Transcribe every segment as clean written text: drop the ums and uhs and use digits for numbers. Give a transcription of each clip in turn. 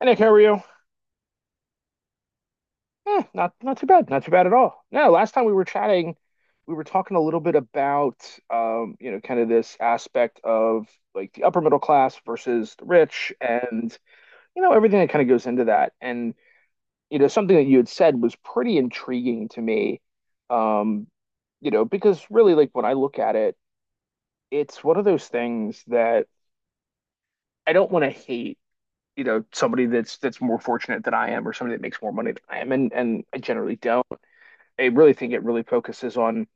And Nick, how are you? Not too bad, not too bad at all. No, last time we were chatting, we were talking a little bit about kind of this aspect of like the upper middle class versus the rich and everything that kind of goes into that. And something that you had said was pretty intriguing to me. Um, because really like when I look at it, it's one of those things that I don't want to hate somebody that's more fortunate than I am or somebody that makes more money than I am, and I generally don't. I really think it really focuses on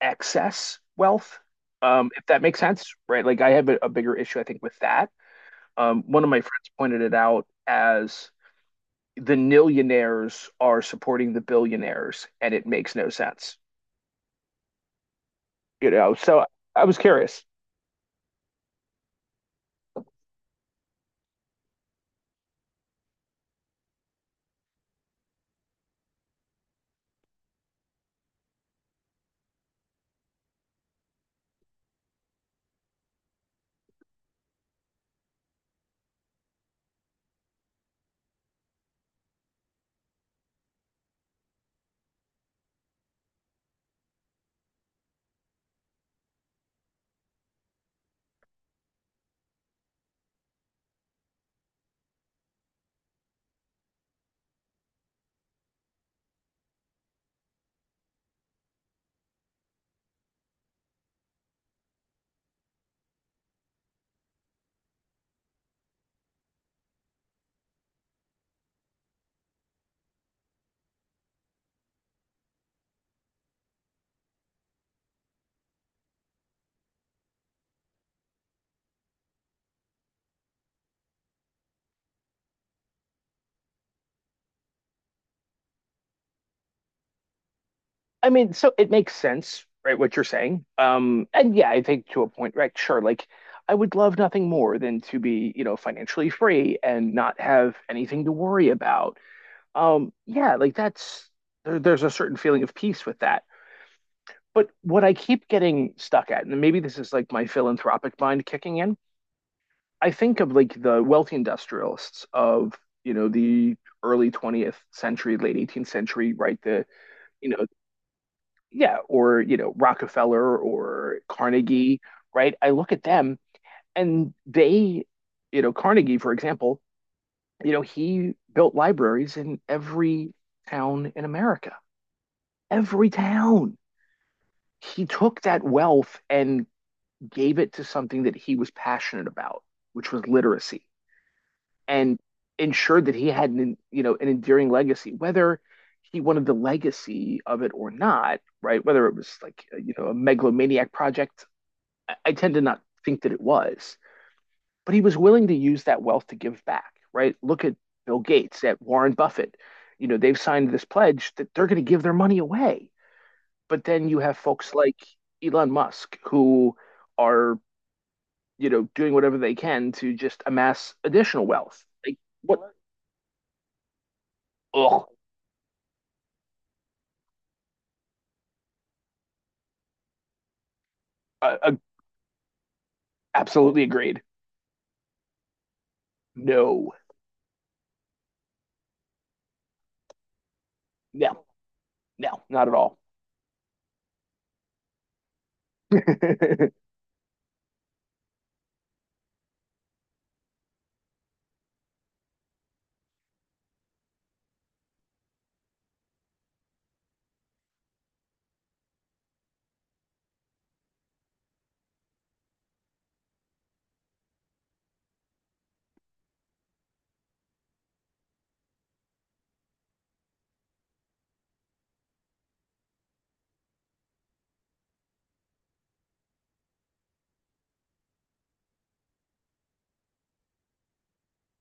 excess wealth, if that makes sense, right? Like I have a bigger issue, I think, with that. One of my friends pointed it out as the millionaires are supporting the billionaires, and it makes no sense, you know? So I was curious. I mean, so it makes sense, right, what you're saying. And yeah, I think to a point, right, sure, like I would love nothing more than to be, financially free and not have anything to worry about, yeah, like that's there's a certain feeling of peace with that. But what I keep getting stuck at, and maybe this is like my philanthropic mind kicking in, I think of like the wealthy industrialists of, the early 20th century, late 18th century, right? The you know yeah or Rockefeller or Carnegie, right? I look at them, and they you know Carnegie for example, you know he built libraries in every town in America. Every town. He took that wealth and gave it to something that he was passionate about, which was literacy, and ensured that he had an endearing legacy, whether he wanted the legacy of it or not, right? Whether it was like, a megalomaniac project, I tend to not think that it was, but he was willing to use that wealth to give back, right? Look at Bill Gates, at Warren Buffett. They've signed this pledge that they're going to give their money away. But then you have folks like Elon Musk who are, doing whatever they can to just amass additional wealth. Like, what? Ugh. Uh, uh, absolutely agreed. No, no, no, not at all.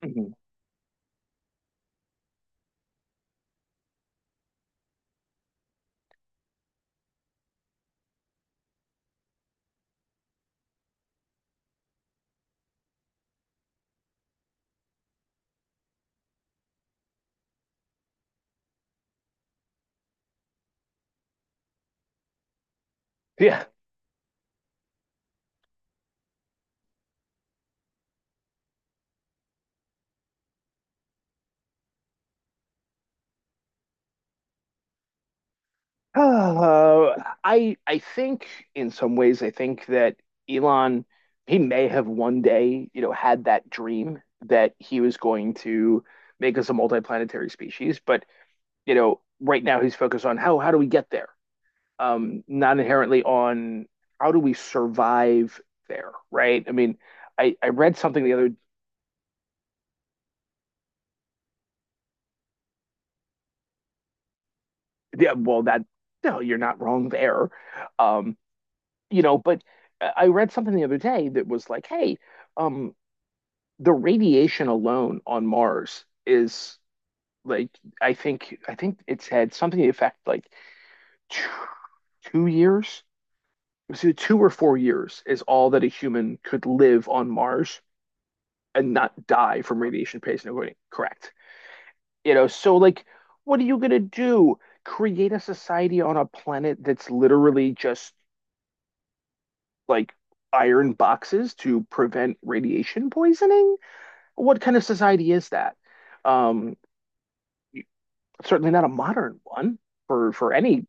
Mhm. Yeah. Uh, I think in some ways I think that Elon, he may have one day, had that dream that he was going to make us a multiplanetary species, but right now he's focused on how do we get there, not inherently on how do we survive there, right? I mean, I read something yeah. Well that no, you're not wrong there. Um, you know, but I read something the other day that was like, hey, um, the radiation alone on Mars is like I think it's had something to the effect like two, 2 years. It was either 2 or 4 years is all that a human could live on Mars and not die from radiation poisoning. Correct. So like, what are you gonna do? Create a society on a planet that's literally just like iron boxes to prevent radiation poisoning? What kind of society is that? Um, certainly not a modern one for any.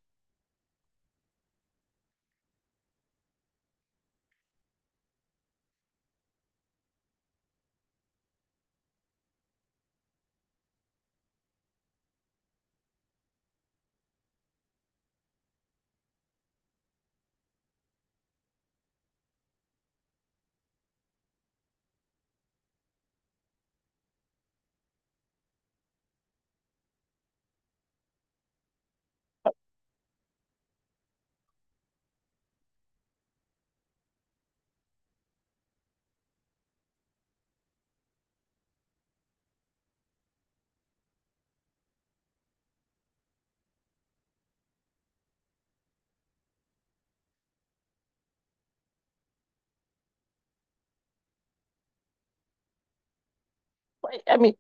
I mean,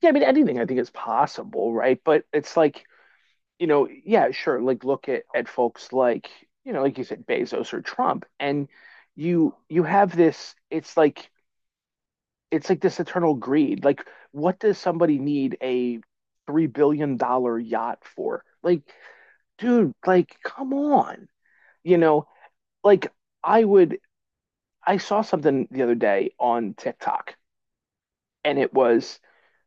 yeah, I mean anything I think is possible, right? But it's like, yeah, sure. Like look at folks like, like you said, Bezos or Trump, and you have this. It's like this eternal greed. Like, what does somebody need a $3 billion yacht for? Like, dude, like, come on. You know, like I would. I saw something the other day on TikTok, and it was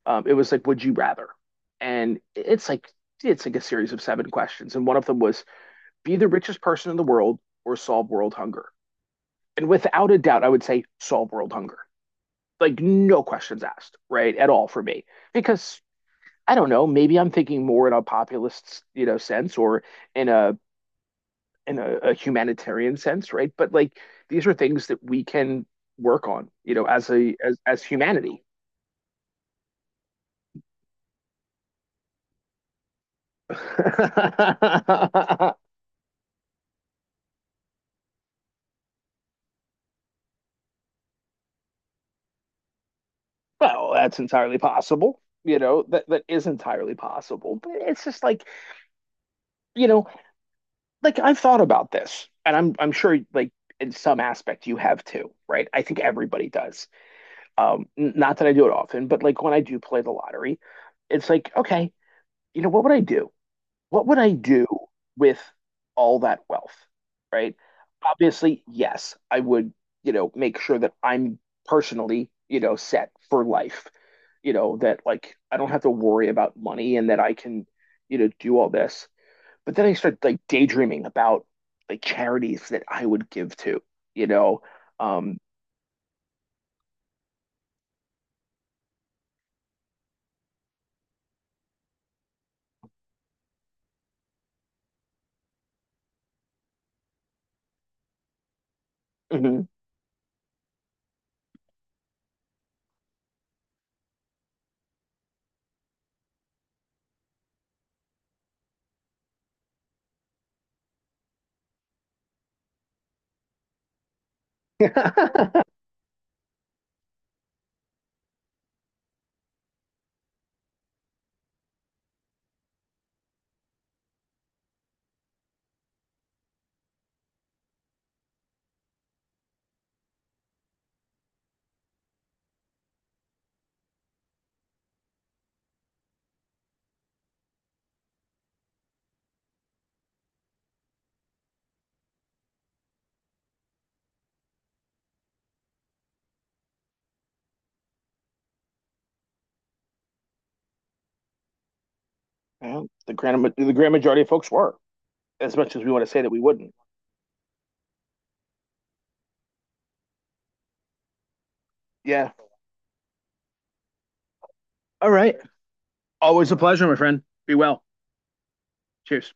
um, it was like, would you rather? And it's like a series of seven questions, and one of them was be the richest person in the world or solve world hunger. And without a doubt, I would say solve world hunger. Like, no questions asked, right? At all for me. Because I don't know, maybe I'm thinking more in a populist, sense or in a in a humanitarian sense, right? But like these are things that we can work on, as a as as humanity. well, that's entirely possible. That that is entirely possible. But it's just like, you know, like I've thought about this, and I'm sure like in some aspect you have too, right? I think everybody does. Um, not that I do it often, but like when I do play the lottery, it's like, okay, what would I do? What would I do with all that wealth, right? Obviously, yes, I would, make sure that I'm personally, set for life, that like I don't have to worry about money and that I can, do all this. But then I started like daydreaming about like charities that I would give to, you know. Um, mhm. Well, the grand majority of folks were, as much as we want to say that we wouldn't. Yeah. All right. Always a pleasure, my friend. Be well. Cheers.